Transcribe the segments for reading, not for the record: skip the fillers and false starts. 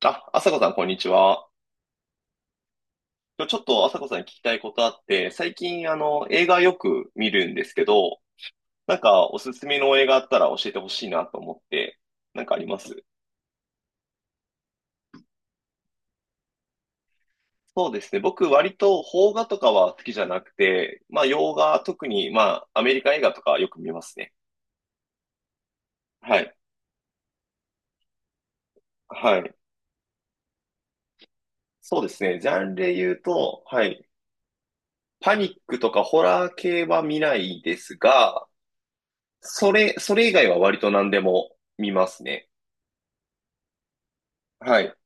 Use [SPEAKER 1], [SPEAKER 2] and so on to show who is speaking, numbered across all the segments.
[SPEAKER 1] あ、朝子さん、こんにちは。今日ちょっと朝子さんに聞きたいことあって、最近、映画よく見るんですけど、なんか、おすすめの映画あったら教えてほしいなと思って、なんかあります？そうですね。僕、割と、邦画とかは好きじゃなくて、まあ、洋画、特に、まあ、アメリカ映画とかよく見ますね。はい。はい。そうですね。ジャンルで言うと、はい。パニックとかホラー系は見ないですが、それ以外は割と何でも見ますね。はい。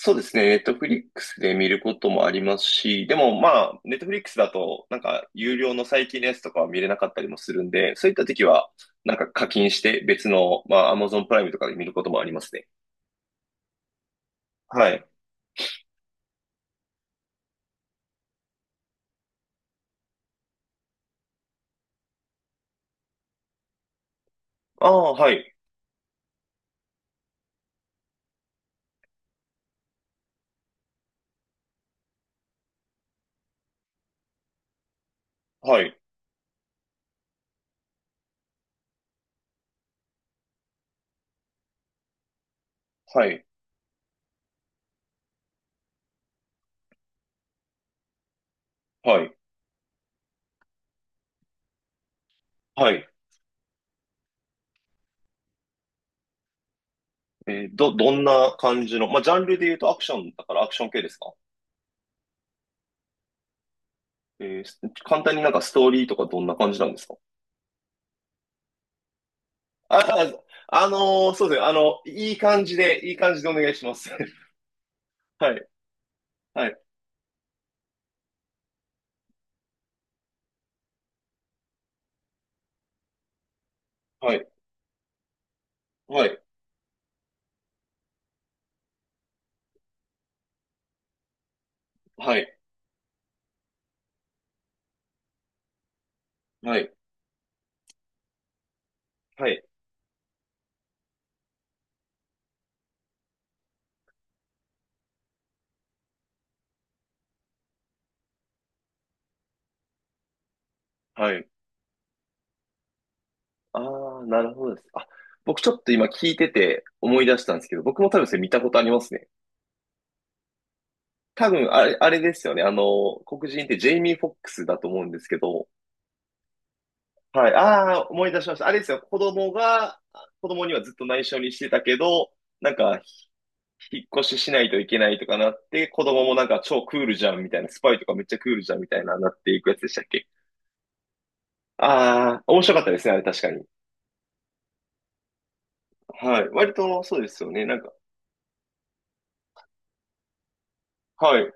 [SPEAKER 1] そうですね。ネットフリックスで見ることもありますし、でもまあ、ネットフリックスだと、なんか、有料の最近のやつとかは見れなかったりもするんで、そういった時は、なんか課金して別の、まあ、Amazon プライムとかで見ることもありますね。はい。ああ、はい。はい。はい。はい。はい。どんな感じの、まあ、ジャンルで言うとアクションだからアクション系ですか？えーす簡単になんかストーリーとかどんな感じなんですか？ああ、のそうですね。いい感じで、いい感じでお願いします。はい。はい。はい。はい、はい、はい、はい。はい。ああ、なるほどです。あ、僕ちょっと今聞いてて思い出したんですけど、僕も多分それ見たことありますね。多分あれですよね。黒人ってジェイミー・フォックスだと思うんですけど、はい。ああ、思い出しました。あれですよ。子供にはずっと内緒にしてたけど、なんか、引っ越ししないといけないとかなって、子供もなんか超クールじゃんみたいな、スパイとかめっちゃクールじゃんみたいな、なっていくやつでしたっけ？ああー、面白かったですね、あれ確かに。はい。割とそうですよね。なんか、はい。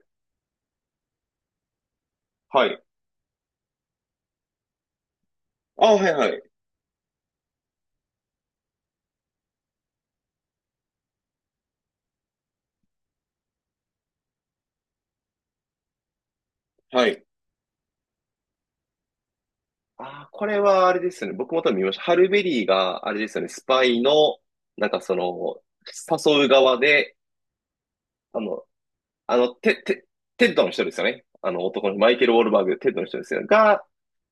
[SPEAKER 1] はい。あ、はいはい。はい。あー、これはあれですよね。僕も多分見ました。ハルベリーが、あれですよね。スパイの、なんかその、誘う側で、あの、あの、テ、テ、テッドの人ですよね。あの男のマイケル・ウォールバーグ、テッドの人ですよね。が、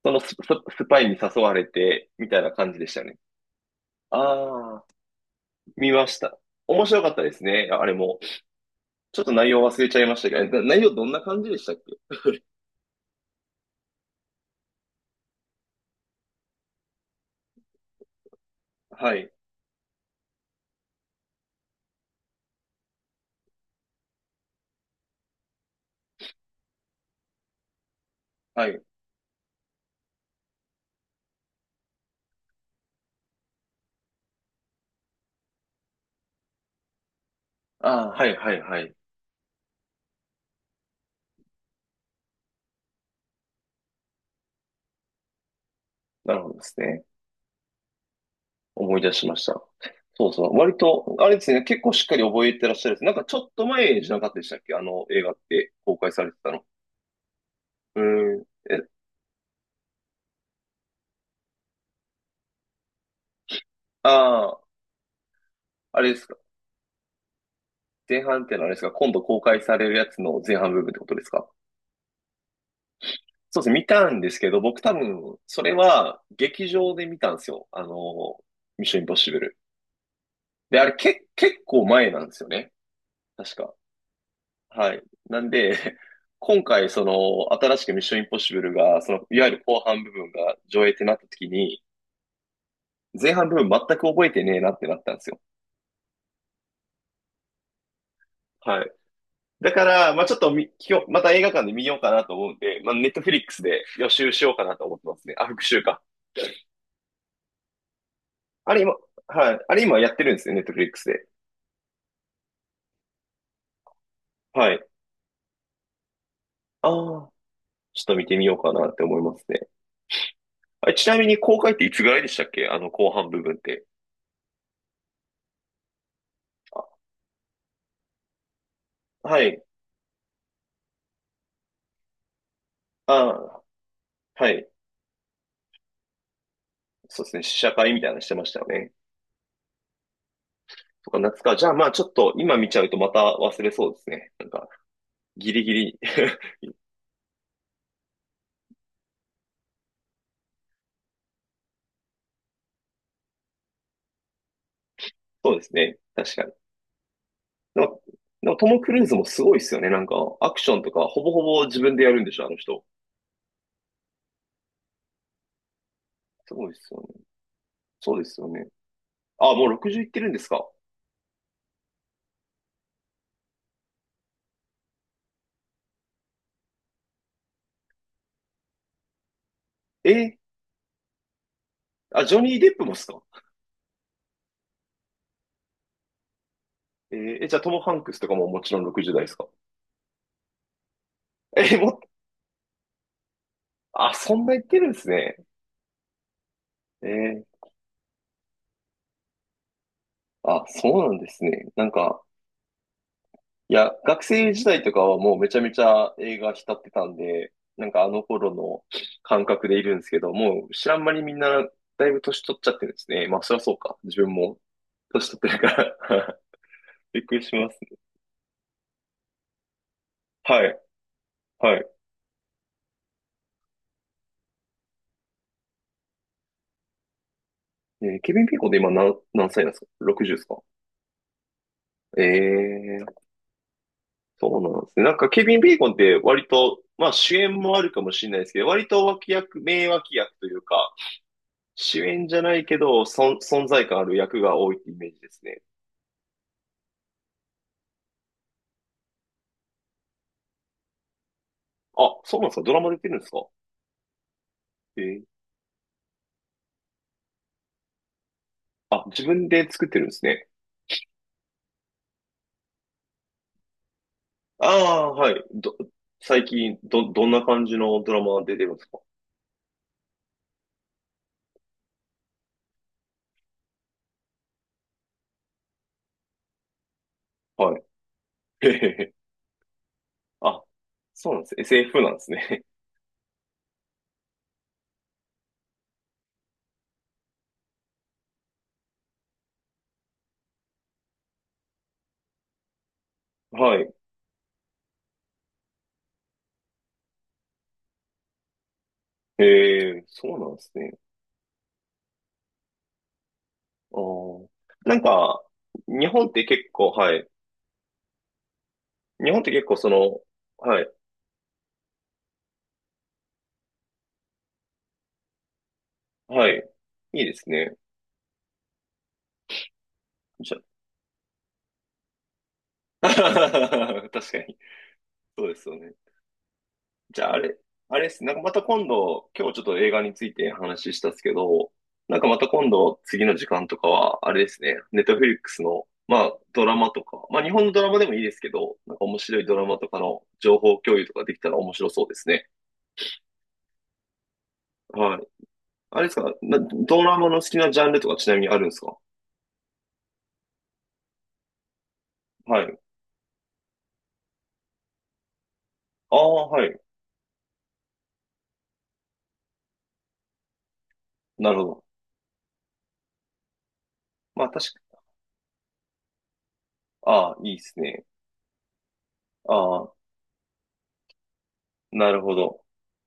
[SPEAKER 1] そのスパイに誘われて、みたいな感じでしたよね。ああ、見ました。面白かったですね。あれも。ちょっと内容忘れちゃいましたけど、内容どんな感じでしたっけ？はい。はい。ああ、はいはいはい。なるほどですね。思い出しました。そうそう。割と、あれですね、結構しっかり覚えてらっしゃるんです。なんかちょっと前じゃなかったでしたっけ？あの映画って公開されてたの。うーん。え、ああ、あれですか。前半ってのはあれですか。今度公開されるやつの前半部分ってことですか。そうですね。見たんですけど、僕多分、それは劇場で見たんですよ。ミッションインポッシブル。で、あれけ、結構前なんですよね。確か。はい。なんで、今回、新しくミッションインポッシブルが、いわゆる後半部分が上映ってなった時に、前半部分全く覚えてねえなってなったんですよ。はい。だから、まあちょっと、今日、また映画館で見ようかなと思うんで、まあネットフリックスで予習しようかなと思ってますね。あ、復習か。あれ今、はい。あれ今やってるんですよ、ネットフリックスで。はい。ああ、ちょっと見てみようかなって思いますね。あ、ちなみに公開っていつぐらいでしたっけ？あの後半部分って。はい。ああ、はい。そうですね、試写会みたいなのしてましたよね。とか、夏か。じゃあまあちょっと今見ちゃうとまた忘れそうですね。なんか、ギリギリ。そうですね。確かに。でも、でもトム・クルーズもすごいですよね。なんか、アクションとかほぼほぼ自分でやるんでしょ、あの人。すごいですよね。そうですよね。あ、もう60いってるんですか？えーあ、ジョニー・デップもっすか？えーえじゃあトム・ハンクスとかももちろん60代ですか？えーもっ、あ、そんないってるんですね。えーあ、そうなんですね。なんか、いや、学生時代とかはもうめちゃめちゃ映画浸ってたんで、なんかあの頃の感覚でいるんですけど、もう知らん間にみんなだいぶ年取っちゃってるんですね。まあそりゃそうか。自分も年取ってるから びっくりしますね。はい、はい。ケビン・ビーコンって今何歳なんですか ?60 ですか？ええー、そうなんですね。なんかケビン・ビーコンって割と、まあ主演もあるかもしれないですけど、割と脇役、名脇役というか、主演じゃないけど、存在感ある役が多いってイメージですね。あ、そうなんですか。ドラマ出てるんですか。えーあ、自分で作ってるんですね。ああ、はい。最近、どんな感じのドラマ出てるんですか？はい。へへへ。あ、そうなんです。SF なんですね。はい。へえ、そうなんですね。あーなんか、日本って結構、はい。日本って結構、はい。はい。いいですね。じゃ、確かに。そうですよね。じゃあ、あれっす。なんかまた今度、今日ちょっと映画について話したっすけど、なんかまた今度、次の時間とかは、あれですね、ネットフリックスの、まあ、ドラマとか、まあ、日本のドラマでもいいですけど、なんか面白いドラマとかの情報共有とかできたら面白そうですね。はい。あれですか、ドラマの好きなジャンルとかちなみにあるんですか？はい。ああ、はい。なるほど。まあ、確か、ああ、いいですね。ああ、なるほど。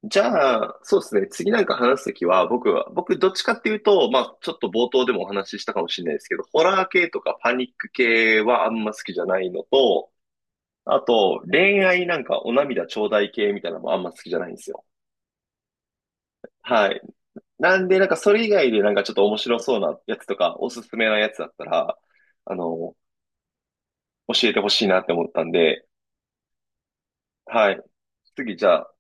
[SPEAKER 1] じゃあ、そうですね。次なんか話すときは、僕どっちかっていうと、まあ、ちょっと冒頭でもお話ししたかもしれないですけど、ホラー系とかパニック系はあんま好きじゃないのと、あと、恋愛なんかお涙頂戴系みたいなのもあんま好きじゃないんですよ。はい。なんで、なんかそれ以外でなんかちょっと面白そうなやつとか、おすすめなやつだったら、あの、教えてほしいなって思ったんで、はい。じゃあ、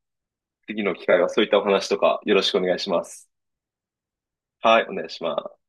[SPEAKER 1] 次の機会はそういったお話とかよろしくお願いします。はい、お願いします。